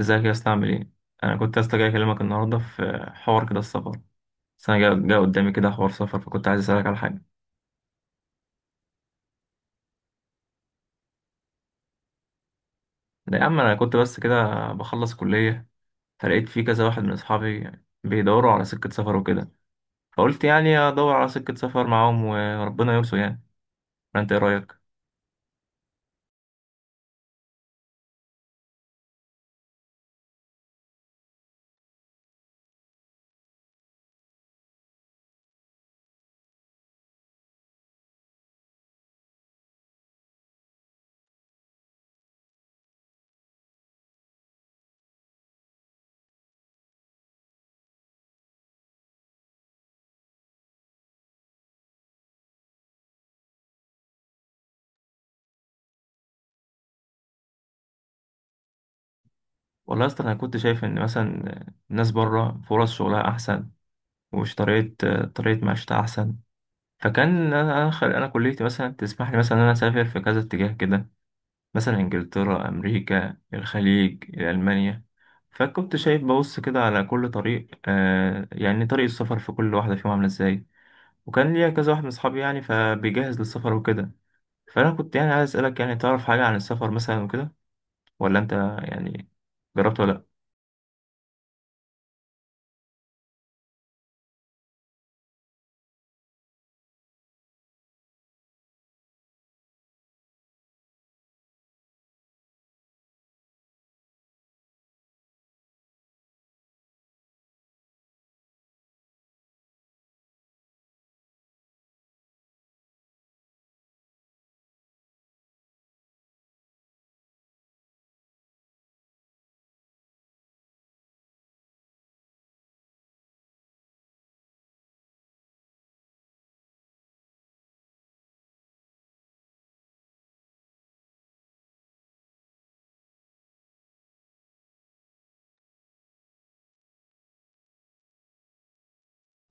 ازيك يا اسطى؟ عامل ايه؟ انا كنت يا اسطى جاي اكلمك النهارده في حوار كده السفر. بس انا جا قدامي كده حوار سفر، فكنت عايز اسالك على حاجه. لا يا عم، انا كنت بس كده بخلص كليه، فلقيت في كذا واحد من اصحابي بيدوروا على سكه سفر وكده، فقلت يعني ادور على سكه سفر معاهم وربنا يرسو يعني. فانت ايه رايك؟ والله يا اسطى انا كنت شايف ان مثلا الناس بره فرص شغلها احسن، ومش طريقه معيشتها احسن. فكان انا انا أنا كليتي مثلا تسمح لي مثلا ان انا اسافر في كذا اتجاه كده، مثلا إنجلترا، أمريكا، الخليج، ألمانيا. فكنت شايف ببص كده على كل طريق، آه يعني طريق السفر في كل واحدة فيهم عاملة إزاي. وكان ليا كذا واحد من أصحابي يعني فبيجهز للسفر وكده. فأنا كنت يعني عايز أسألك يعني تعرف حاجة عن السفر مثلا وكده، ولا أنت يعني جربت ولا؟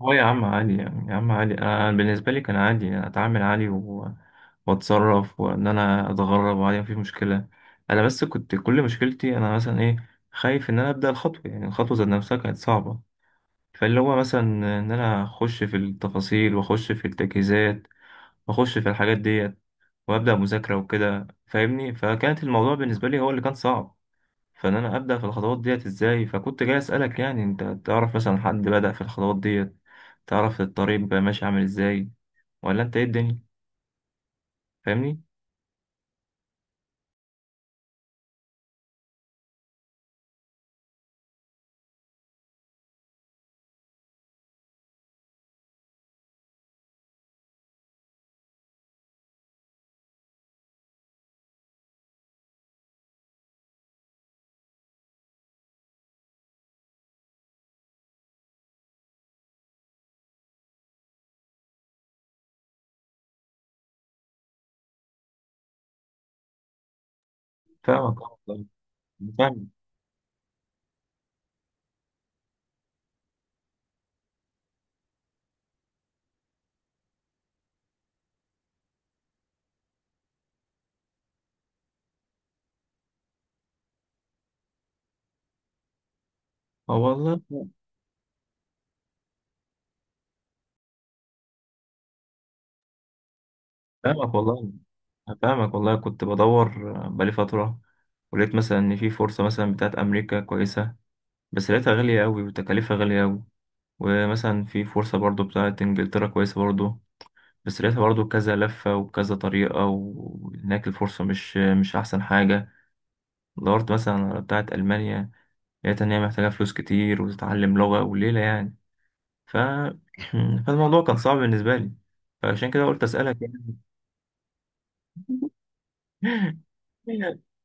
هو يا عم عادي يعني، يا عم عادي. انا أنا بالنسبه لي كان عادي يعني، اتعامل عادي واتصرف وان انا اتغرب وعادي، مفيش مشكله. انا بس كنت كل مشكلتي انا مثلا ايه، خايف ان انا ابدا الخطوه يعني الخطوه ذات نفسها كانت صعبه. فاللي هو مثلا ان انا اخش في التفاصيل واخش في التجهيزات واخش في الحاجات ديت وابدا مذاكره وكده، فاهمني؟ فكانت الموضوع بالنسبه لي هو اللي كان صعب، فان انا ابدا في الخطوات ديت ازاي. فكنت جاي اسالك يعني انت تعرف مثلا حد بدا في الخطوات ديت؟ تعرف الطريق بقى ماشي عامل ازاي؟ ولا انت ايه الدنيا؟ فاهمني؟ فاهمك آه والله. فاهمك اه والله. فاهمك والله. فاهمك والله، كنت بدور بقالي فتره، ولقيت مثلا ان في فرصه مثلا بتاعت امريكا كويسه، بس لقيتها غاليه قوي وتكاليفها غاليه قوي. ومثلا في فرصه برضو بتاعت انجلترا كويسه برضو، بس لقيتها برضو كذا لفه وكذا طريقه وهناك الفرصه مش احسن حاجه. دورت مثلا على بتاعة ألمانيا، لقيت إن هي محتاجة فلوس كتير وتتعلم لغة وليلة يعني. ف... فالموضوع كان صعب بالنسبة لي، فعشان كده قلت أسألك يعني.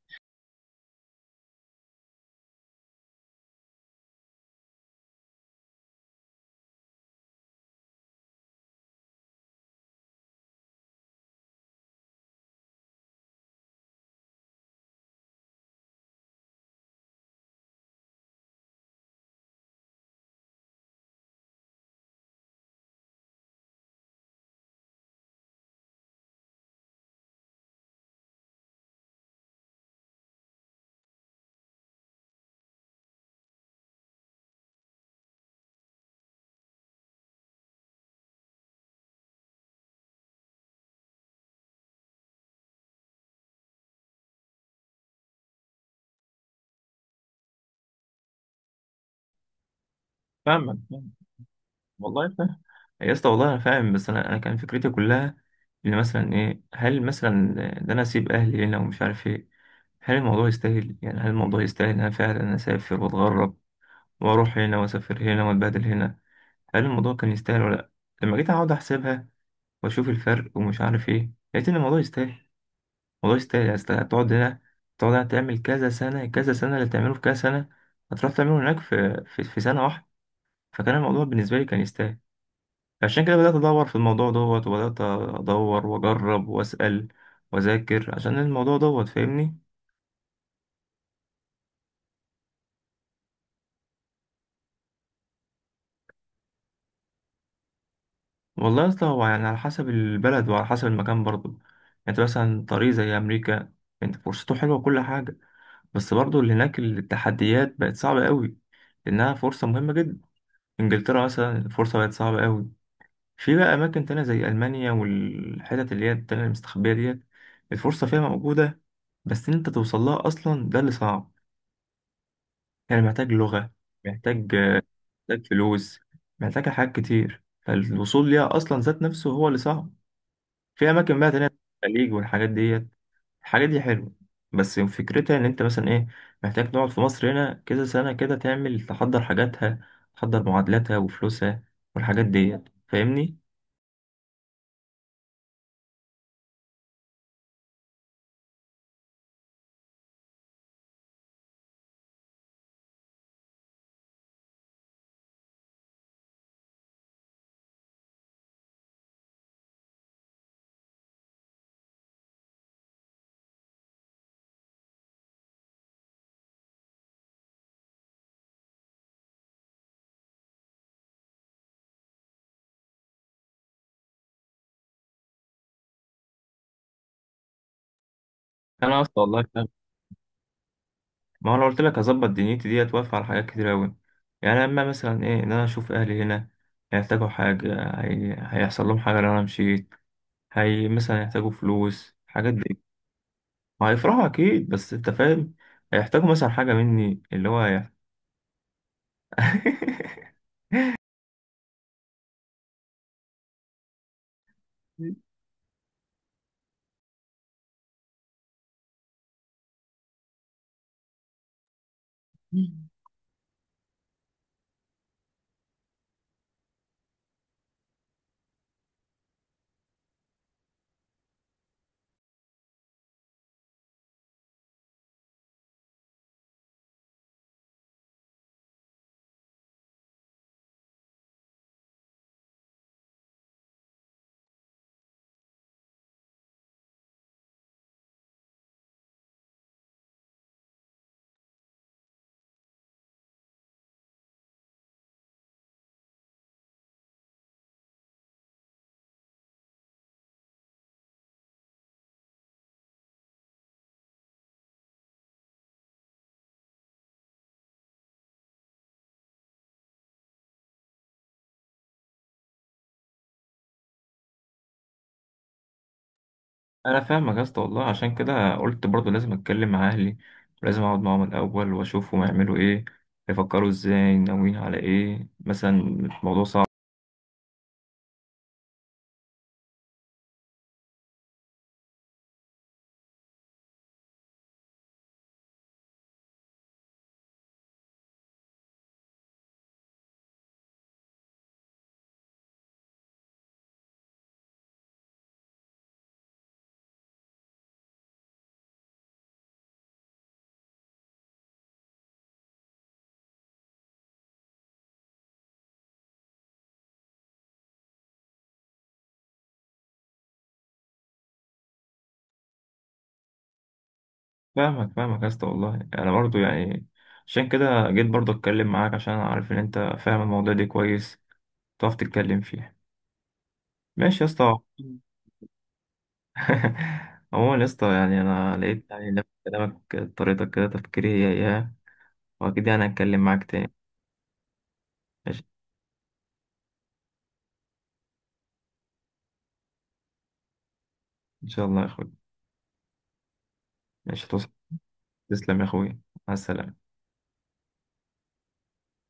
فاهمك فاهمك. والله فاهم يا اسطى، والله أنا فاهم. بس أنا كان فكرتي كلها إن مثلا إيه، هل مثلا ده أنا أسيب أهلي هنا ومش عارف إيه؟ هل الموضوع يستاهل يعني؟ هل الموضوع يستاهل إن أنا فعلا أسافر وأتغرب وأروح هنا وأسافر هنا وأتبهدل هنا؟ هل الموضوع كان يستاهل ولا لأ؟ لما جيت أقعد أحسبها واشوف الفرق ومش عارف ايه، لقيت ان الموضوع يستاهل. الموضوع يستاهل يعني، اصل هتقعد هنا، تقعد هنا تعمل كذا سنة، كذا سنة اللي تعمله في كذا سنة هتروح تعمله هناك في في سنة واحدة. فكان الموضوع بالنسبة لي كان يستاهل، عشان كده بدأت أدور في الموضوع دوت، وبدأت أدور وأجرب وأسأل وأذاكر عشان الموضوع دوت، فاهمني؟ والله أصلا هو يعني على حسب البلد وعلى حسب المكان برضه. يعني أنت مثلا طريق زي أمريكا، أنت فرصته حلوة وكل حاجة، بس برضه اللي هناك التحديات بقت صعبة قوي، لأنها فرصة مهمة جدا. انجلترا مثلا الفرصة بقت صعبة قوي. في بقى اماكن تانية زي المانيا والحتت اللي هي التانية المستخبية ديت، الفرصة فيها موجودة، بس ان انت توصل لها اصلا ده اللي صعب. يعني محتاج لغة، محتاج، محتاج فلوس، محتاج حاجات كتير، فالوصول ليها اصلا ذات نفسه هو اللي صعب. في اماكن بقى تانية، الخليج والحاجات ديت، الحاجات دي حلوة، بس فكرتها ان انت مثلا ايه، محتاج تقعد في مصر هنا كذا سنة كده تعمل، تحضر حاجاتها، تحضر معادلاتها وفلوسها والحاجات ديت، فاهمني؟ انا اصلا والله فاهم. ما هو انا قلت لك اظبط دنيتي ديت، واقف على حاجات كتير اوي. يعني اما مثلا ايه ان انا اشوف اهلي هنا هيحتاجوا حاجه، هيحصل لهم حاجه لو انا مشيت، هي مثلا هيحتاجوا فلوس، حاجات دي. وهيفرحوا اكيد، بس انت فاهم هيحتاجوا مثلا حاجه مني، اللي هو هي- انا فاهمك يا اسطى والله. عشان كده قلت برضو لازم اتكلم مع اهلي، ولازم اقعد معاهم الاول واشوفهم هيعملوا ايه، هيفكروا ازاي، ناويين على ايه. مثلا الموضوع صعب. فاهمك فاهمك يا اسطى والله. انا برضو يعني عشان كده جيت برضو اتكلم معاك، عشان انا عارف ان انت فاهم الموضوع ده كويس، تعرف تتكلم فيه. ماشي يا اسطى. عموما يا اسطى، يعني انا لقيت يعني نفس كلامك، طريقتك كده تفكيري هي اياها، واكيد يعني هتكلم معاك تاني. ماشي، ان شاء الله يا اخوي. ماشي، توصل، تسلم يا اخويا، مع السلامة.